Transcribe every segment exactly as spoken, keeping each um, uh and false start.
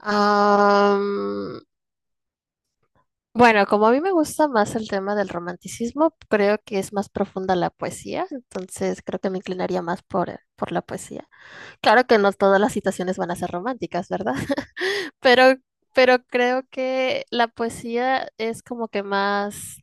Am, bueno, como a mí me gusta más el tema del romanticismo, creo que es más profunda la poesía, entonces creo que me inclinaría más por, eh, por la poesía. Claro que no todas las situaciones van a ser románticas, ¿verdad? Pero, pero creo que la poesía es como que más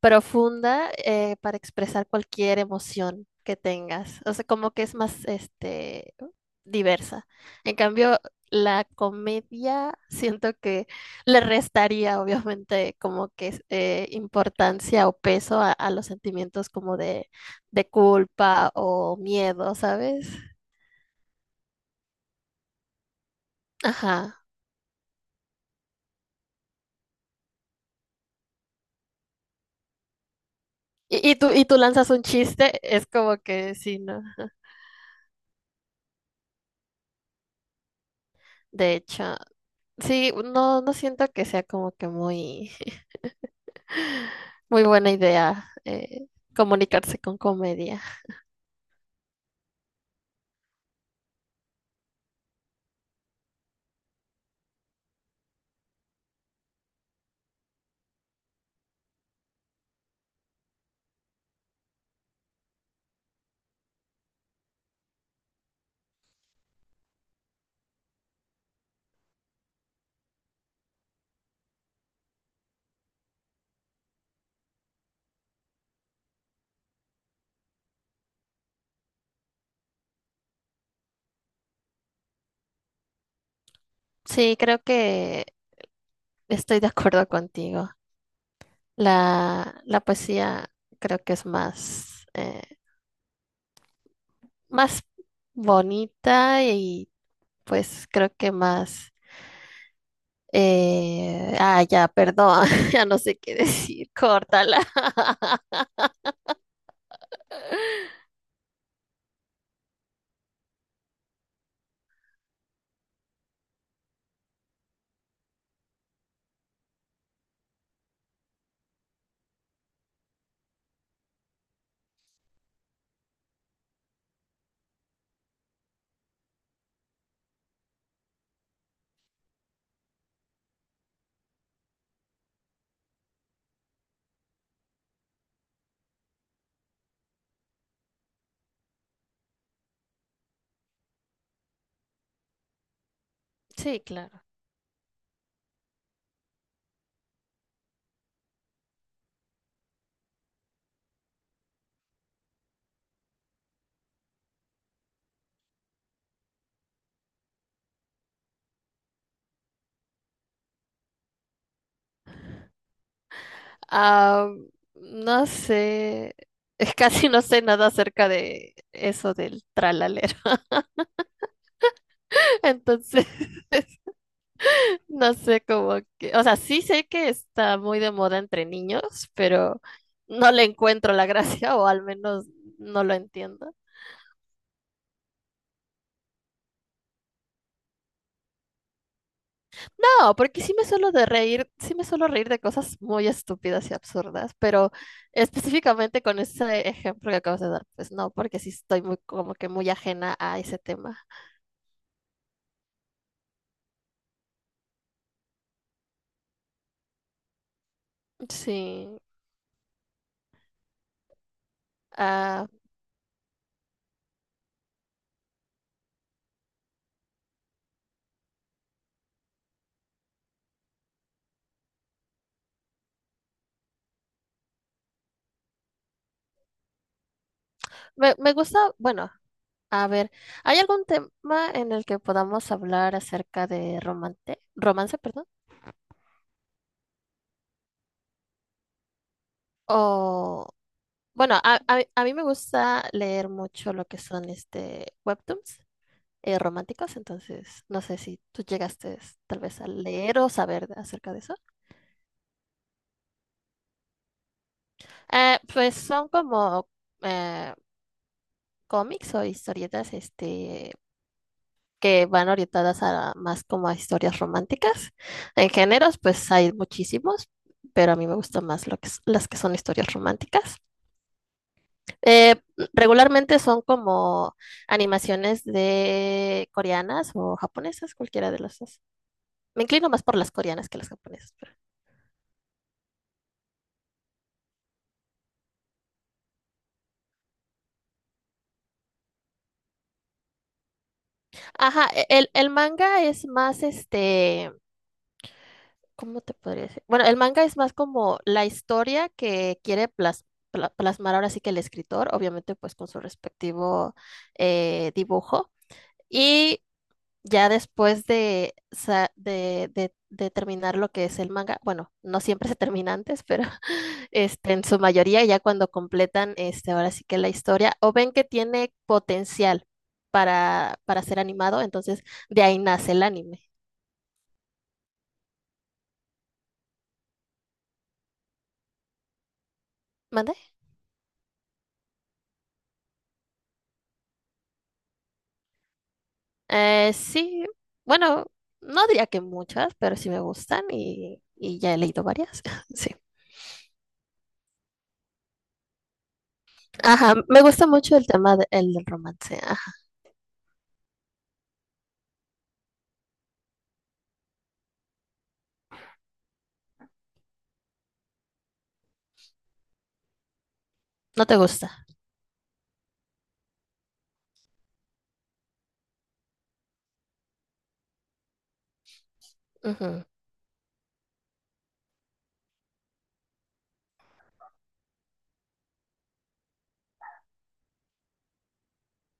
profunda eh, para expresar cualquier emoción que tengas. O sea, como que es más este diversa. En cambio, la comedia siento que le restaría obviamente como que eh, importancia o peso a, a los sentimientos como de, de culpa o miedo, ¿sabes? Ajá. Y, y tú, y tú lanzas un chiste, es como que sí, ¿no? De hecho, sí, no, no siento que sea como que muy, muy buena idea eh, comunicarse con comedia. Sí, creo que estoy de acuerdo contigo. La, la poesía creo que es más, eh, más bonita y pues creo que más... eh, ah, ya, perdón, ya no sé qué decir, córtala. Sí, claro. Ah, no sé, es casi no sé nada acerca de eso del tralalero. Entonces, no sé cómo que, o sea, sí sé que está muy de moda entre niños, pero no le encuentro la gracia o al menos no lo entiendo. No, porque sí me suelo de reír, sí me suelo reír de cosas muy estúpidas y absurdas, pero específicamente con ese ejemplo que acabas de dar, pues no, porque sí estoy muy como que muy ajena a ese tema. Sí, ah, me, me gusta, bueno, a ver, ¿hay algún tema en el que podamos hablar acerca de romance, romance, perdón? O, bueno, a, a, a mí me gusta leer mucho lo que son este webtoons eh, románticos, entonces no sé si tú llegaste tal vez a leer o saber de- acerca de eso. Eh, pues son como eh, cómics o historietas este, que van orientadas a más como a historias románticas. En géneros, pues hay muchísimos, pero a mí me gustan más lo que, s- las que son historias románticas. Eh, regularmente son como animaciones de coreanas o japonesas, cualquiera de las dos. Me inclino más por las coreanas que las japonesas. Pero Ajá, e- el, el manga es más este, ¿cómo te podría decir? Bueno, el manga es más como la historia que quiere plas- pla- plasmar ahora sí que el escritor, obviamente pues con su respectivo eh, dibujo. Y ya después de, sa- de, de- de terminar lo que es el manga, bueno, no siempre se termina antes, pero este, en su mayoría ya cuando completan este, ahora sí que la historia o ven que tiene potencial para, para ser animado, entonces de ahí nace el anime. ¿Mande? Eh, sí, bueno, no diría que muchas, pero sí me gustan y, y ya he leído varias. Sí. Ajá, me gusta mucho el tema de- el del romance. Ajá. ¿No te gusta? Ujú.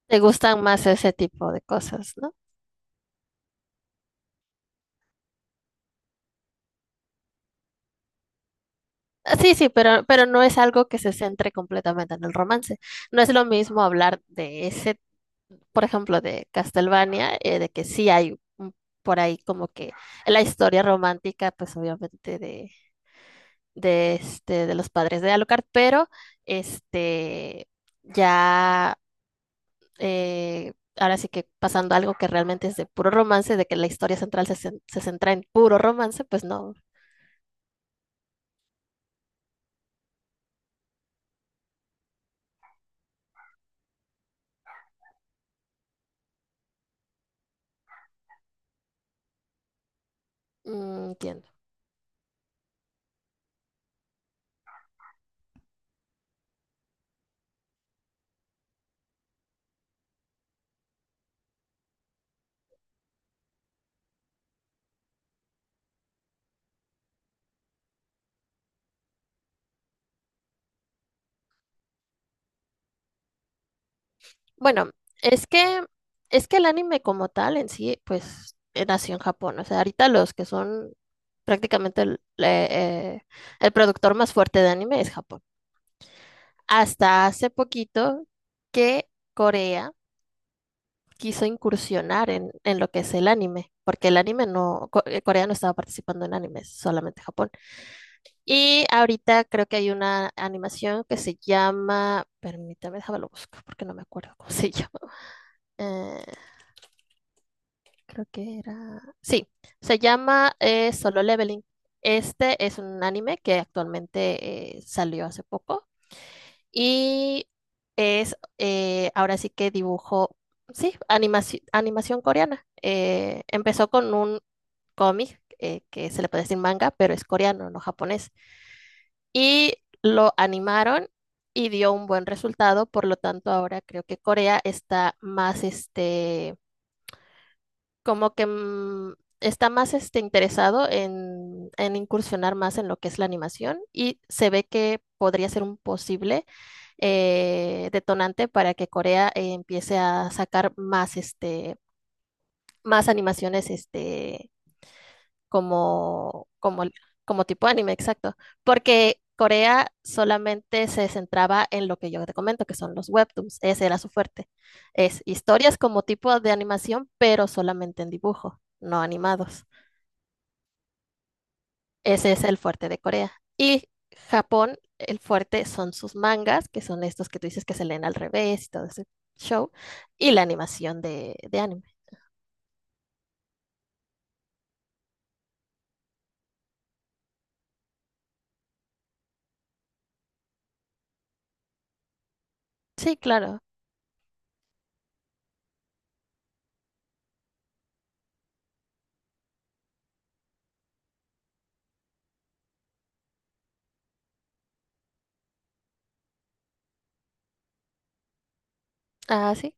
Te gustan más ese tipo de cosas, ¿no? Ah, sí, sí, pero, pero no es algo que se centre completamente en el romance. No es lo mismo hablar de ese, por ejemplo, de Castlevania, eh, de que sí hay un- por ahí como que la historia romántica, pues obviamente de, de este, de los padres de Alucard, pero este ya eh, ahora sí que pasando a algo que realmente es de puro romance, de que la historia central se, cen- se centra en puro romance, pues no. Mm, entiendo. Bueno, es que es que el anime como tal en sí, pues eh, nació en Japón. O sea, ahorita los que son prácticamente el, eh, eh, el productor más fuerte de anime es Japón. Hasta hace poquito que Corea quiso incursionar en, en lo que es el anime, porque el anime no, Co- eh, Corea no estaba participando en animes, solamente Japón. Y ahorita creo que hay una animación que se llama, permítame, déjame lo busco porque no me acuerdo cómo se llama. Eh, Creo que era... Sí, se llama eh, Solo Leveling. Este es un anime que actualmente eh, salió hace poco y es eh, ahora sí que dibujo, sí, animaci- animación coreana. Eh, empezó con un cómic eh, que se le puede decir manga, pero es coreano, no japonés. Y lo animaron y dio un buen resultado, por lo tanto ahora creo que Corea está más este como que mm, está más este, interesado en, en incursionar más en lo que es la animación y se ve que podría ser un posible eh, detonante para que Corea eh, empiece a sacar más, este, más animaciones este, como, como, como tipo anime, exacto. Porque Corea solamente se centraba en lo que yo te comento, que son los webtoons. Ese era su fuerte. Es historias como tipo de animación, pero solamente en dibujo, no animados. Ese es el fuerte de Corea. Y Japón, el fuerte son sus mangas, que son estos que tú dices que se leen al revés y todo ese show, y la animación de, de anime. Sí, claro. Ah, sí.